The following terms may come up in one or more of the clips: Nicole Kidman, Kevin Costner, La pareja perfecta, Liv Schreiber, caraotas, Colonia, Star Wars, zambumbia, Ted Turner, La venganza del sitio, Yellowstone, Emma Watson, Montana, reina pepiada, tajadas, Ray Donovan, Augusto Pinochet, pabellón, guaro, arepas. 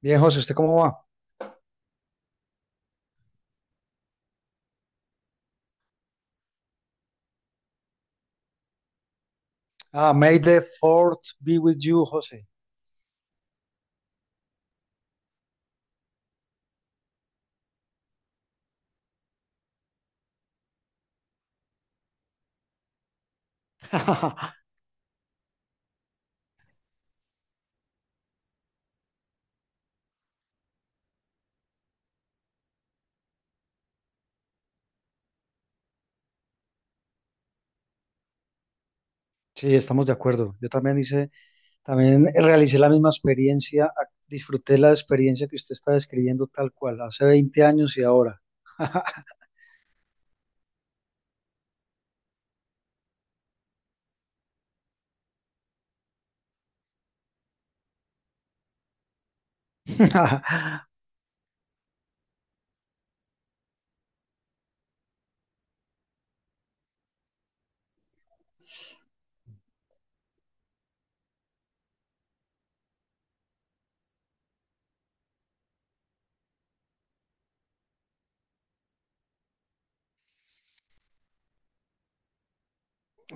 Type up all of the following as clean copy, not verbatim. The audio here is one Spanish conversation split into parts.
Bien, José, ¿usted cómo va? Ah, May the fourth be with you, José. Sí, estamos de acuerdo. También realicé la misma experiencia, disfruté la experiencia que usted está describiendo tal cual, hace 20 años y ahora.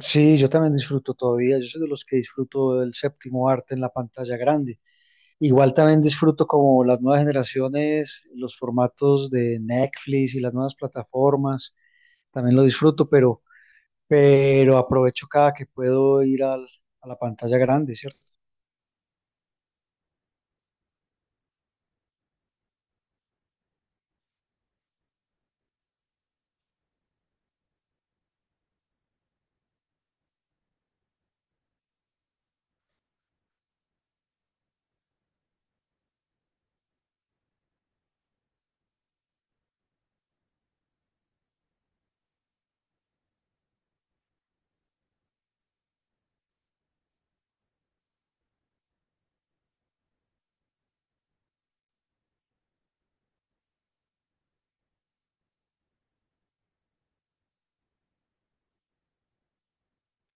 Sí, yo también disfruto todavía. Yo soy de los que disfruto del séptimo arte en la pantalla grande. Igual también disfruto como las nuevas generaciones, los formatos de Netflix y las nuevas plataformas. También lo disfruto, pero aprovecho cada que puedo a la pantalla grande, ¿cierto?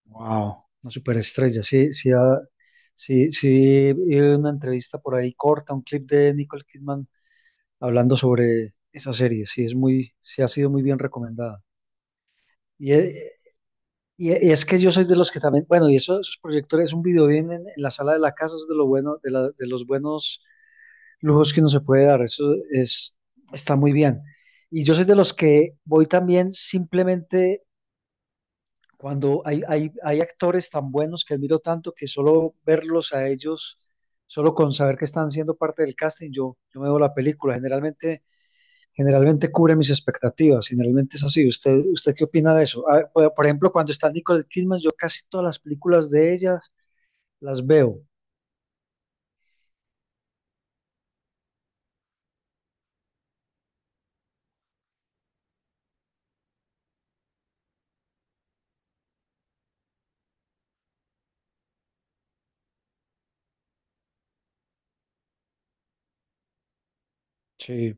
Wow, una superestrella. Sí, sí, ah, sí, sí, vi una entrevista por ahí corta, un clip de Nicole Kidman hablando sobre esa serie. Sí, es muy, sí ha sido muy bien recomendada. Y, e- y es que yo soy de los que también, bueno, esos proyectores, un video bien en la sala de la casa es de lo bueno, de los buenos lujos que uno se puede dar. Eso es, está muy bien. Y yo soy de los que voy también simplemente cuando hay actores tan buenos que admiro tanto que solo verlos a ellos, solo con saber que están siendo parte del casting, yo me veo la película. Generalmente cubre mis expectativas, generalmente es así. ¿ usted qué opina de eso? Ah, por ejemplo, cuando está Nicole Kidman, yo casi todas las películas de ellas las veo. Sí,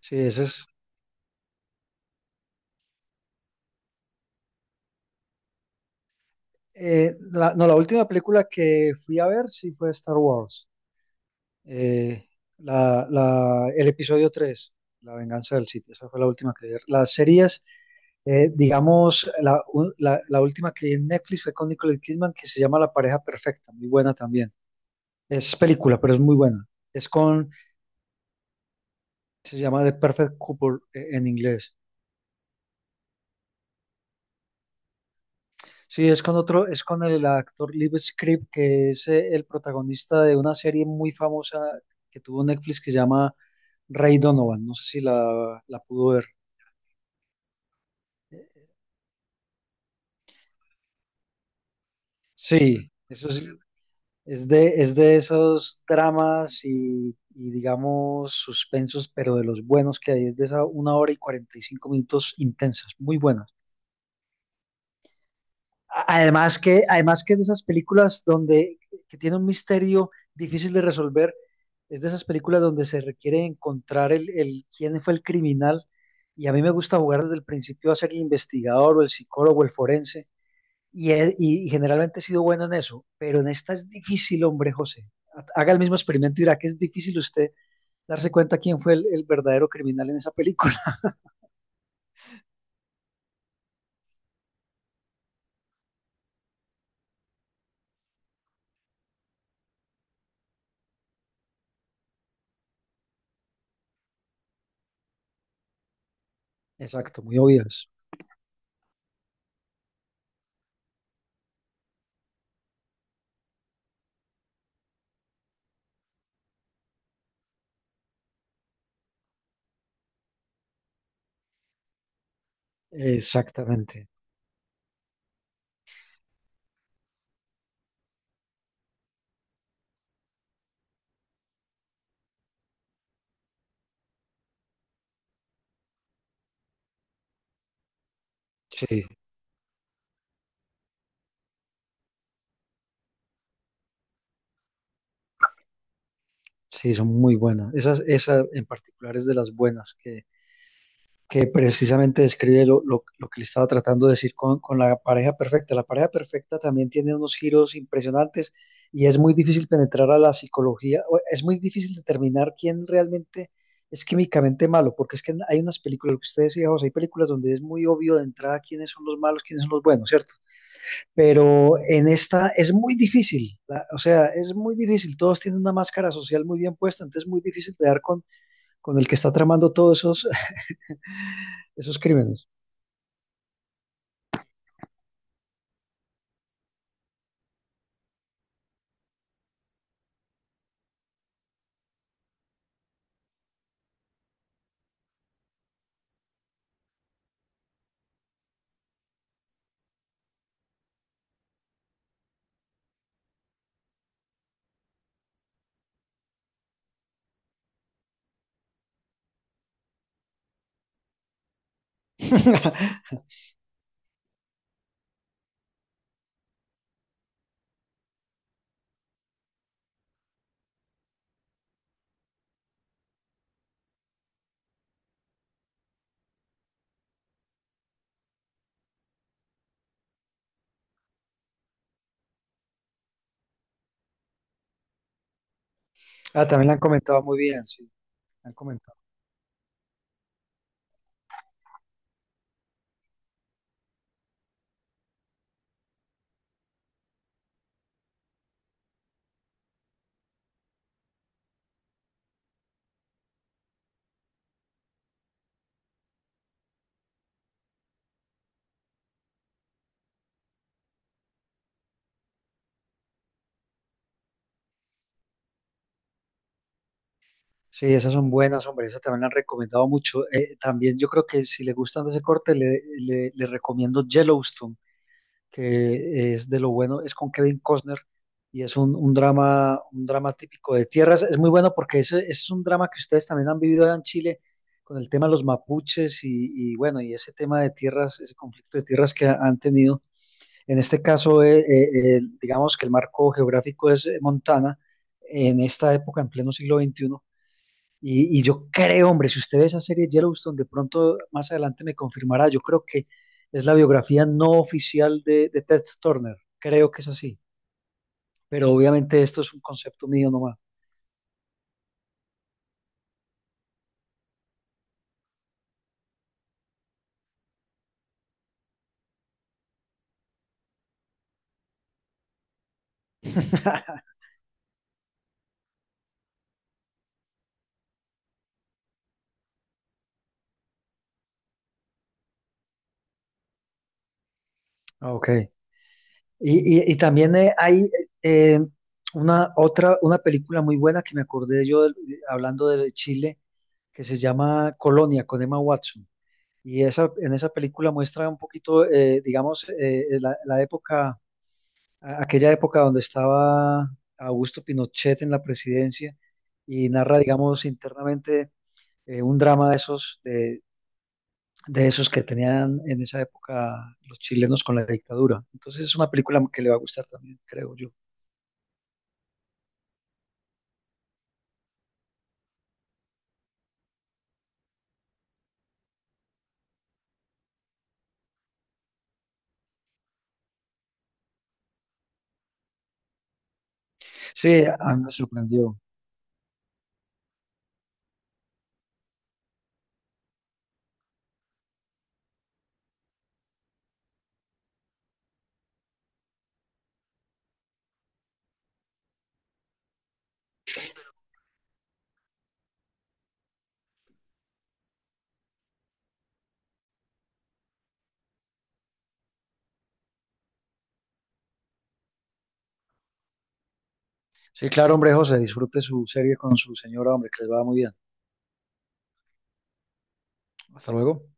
sí, esa es. No, la última película que fui a ver sí fue Star Wars. Eh, el episodio tres, La venganza del sitio, esa fue la última que vi. Las series, digamos, la última que vi en Netflix fue con Nicole Kidman, que se llama La pareja perfecta, muy buena también. Es película, pero es muy buena. Es con, Se llama The Perfect Couple en inglés. Sí, es con el actor Liv Schreiber, que es el protagonista de una serie muy famosa que tuvo Netflix que se llama Ray Donovan. No sé si la pudo ver. Sí, eso es, es de esos dramas y, digamos suspensos, pero de los buenos que hay, es de esa 1 hora y 45 minutos intensas, muy buenas. Además que es de esas películas donde que tiene un misterio difícil de resolver, es de esas películas donde se requiere encontrar el quién fue el criminal y a mí me gusta jugar desde el principio a ser el investigador o el psicólogo, el forense y generalmente he sido bueno en eso, pero en esta es difícil, hombre, José. Haga el mismo experimento y verá que es difícil usted darse cuenta quién fue el verdadero criminal en esa película. Exacto, muy obvias. Exactamente. Sí, sí, son muy buenas. Esa en particular es de las buenas que precisamente describe lo que le estaba tratando de decir con la pareja perfecta. La pareja perfecta también tiene unos giros impresionantes y es muy difícil penetrar a la psicología, o es muy difícil determinar quién realmente es químicamente malo, porque es que hay unas películas, lo que usted decía, José, hay películas donde es muy obvio de entrada quiénes son los malos, quiénes son los buenos, ¿cierto? Pero en esta es muy difícil, o sea, es muy difícil, todos tienen una máscara social muy bien puesta, entonces es muy difícil de dar con el que está tramando esos crímenes. Ah, también la han comentado muy bien, sí, la han comentado. Sí, esas son buenas, hombre, esas también la han recomendado mucho. También yo creo que si le gustan de ese corte, le recomiendo Yellowstone, que es de lo bueno, es con Kevin Costner y es un drama típico de tierras. Es muy bueno porque ese es un drama que ustedes también han vivido allá en Chile con el tema de los mapuches y bueno, y ese tema de tierras, ese conflicto de tierras que han tenido. En este caso, digamos que el marco geográfico es Montana en esta época, en pleno siglo XXI. Y yo creo, hombre, si usted ve esa serie Yellowstone, de pronto más adelante me confirmará, yo creo que es la biografía no oficial de Ted Turner, creo que es así, pero obviamente esto es un concepto mío nomás. Ok. Y también hay eh, una otra, una película muy buena que me acordé yo hablando de Chile, que se llama Colonia, con Emma Watson. Y esa, en esa película muestra un poquito, digamos, la época, aquella época donde estaba Augusto Pinochet en la presidencia y narra, digamos, internamente un drama de esos, de esos que tenían en esa época los chilenos con la dictadura. Entonces es una película que le va a gustar también, creo yo. Sí, a mí me sorprendió. Sí, claro, hombre, José, disfrute su serie con su señora, hombre, que les va muy bien. Hasta luego.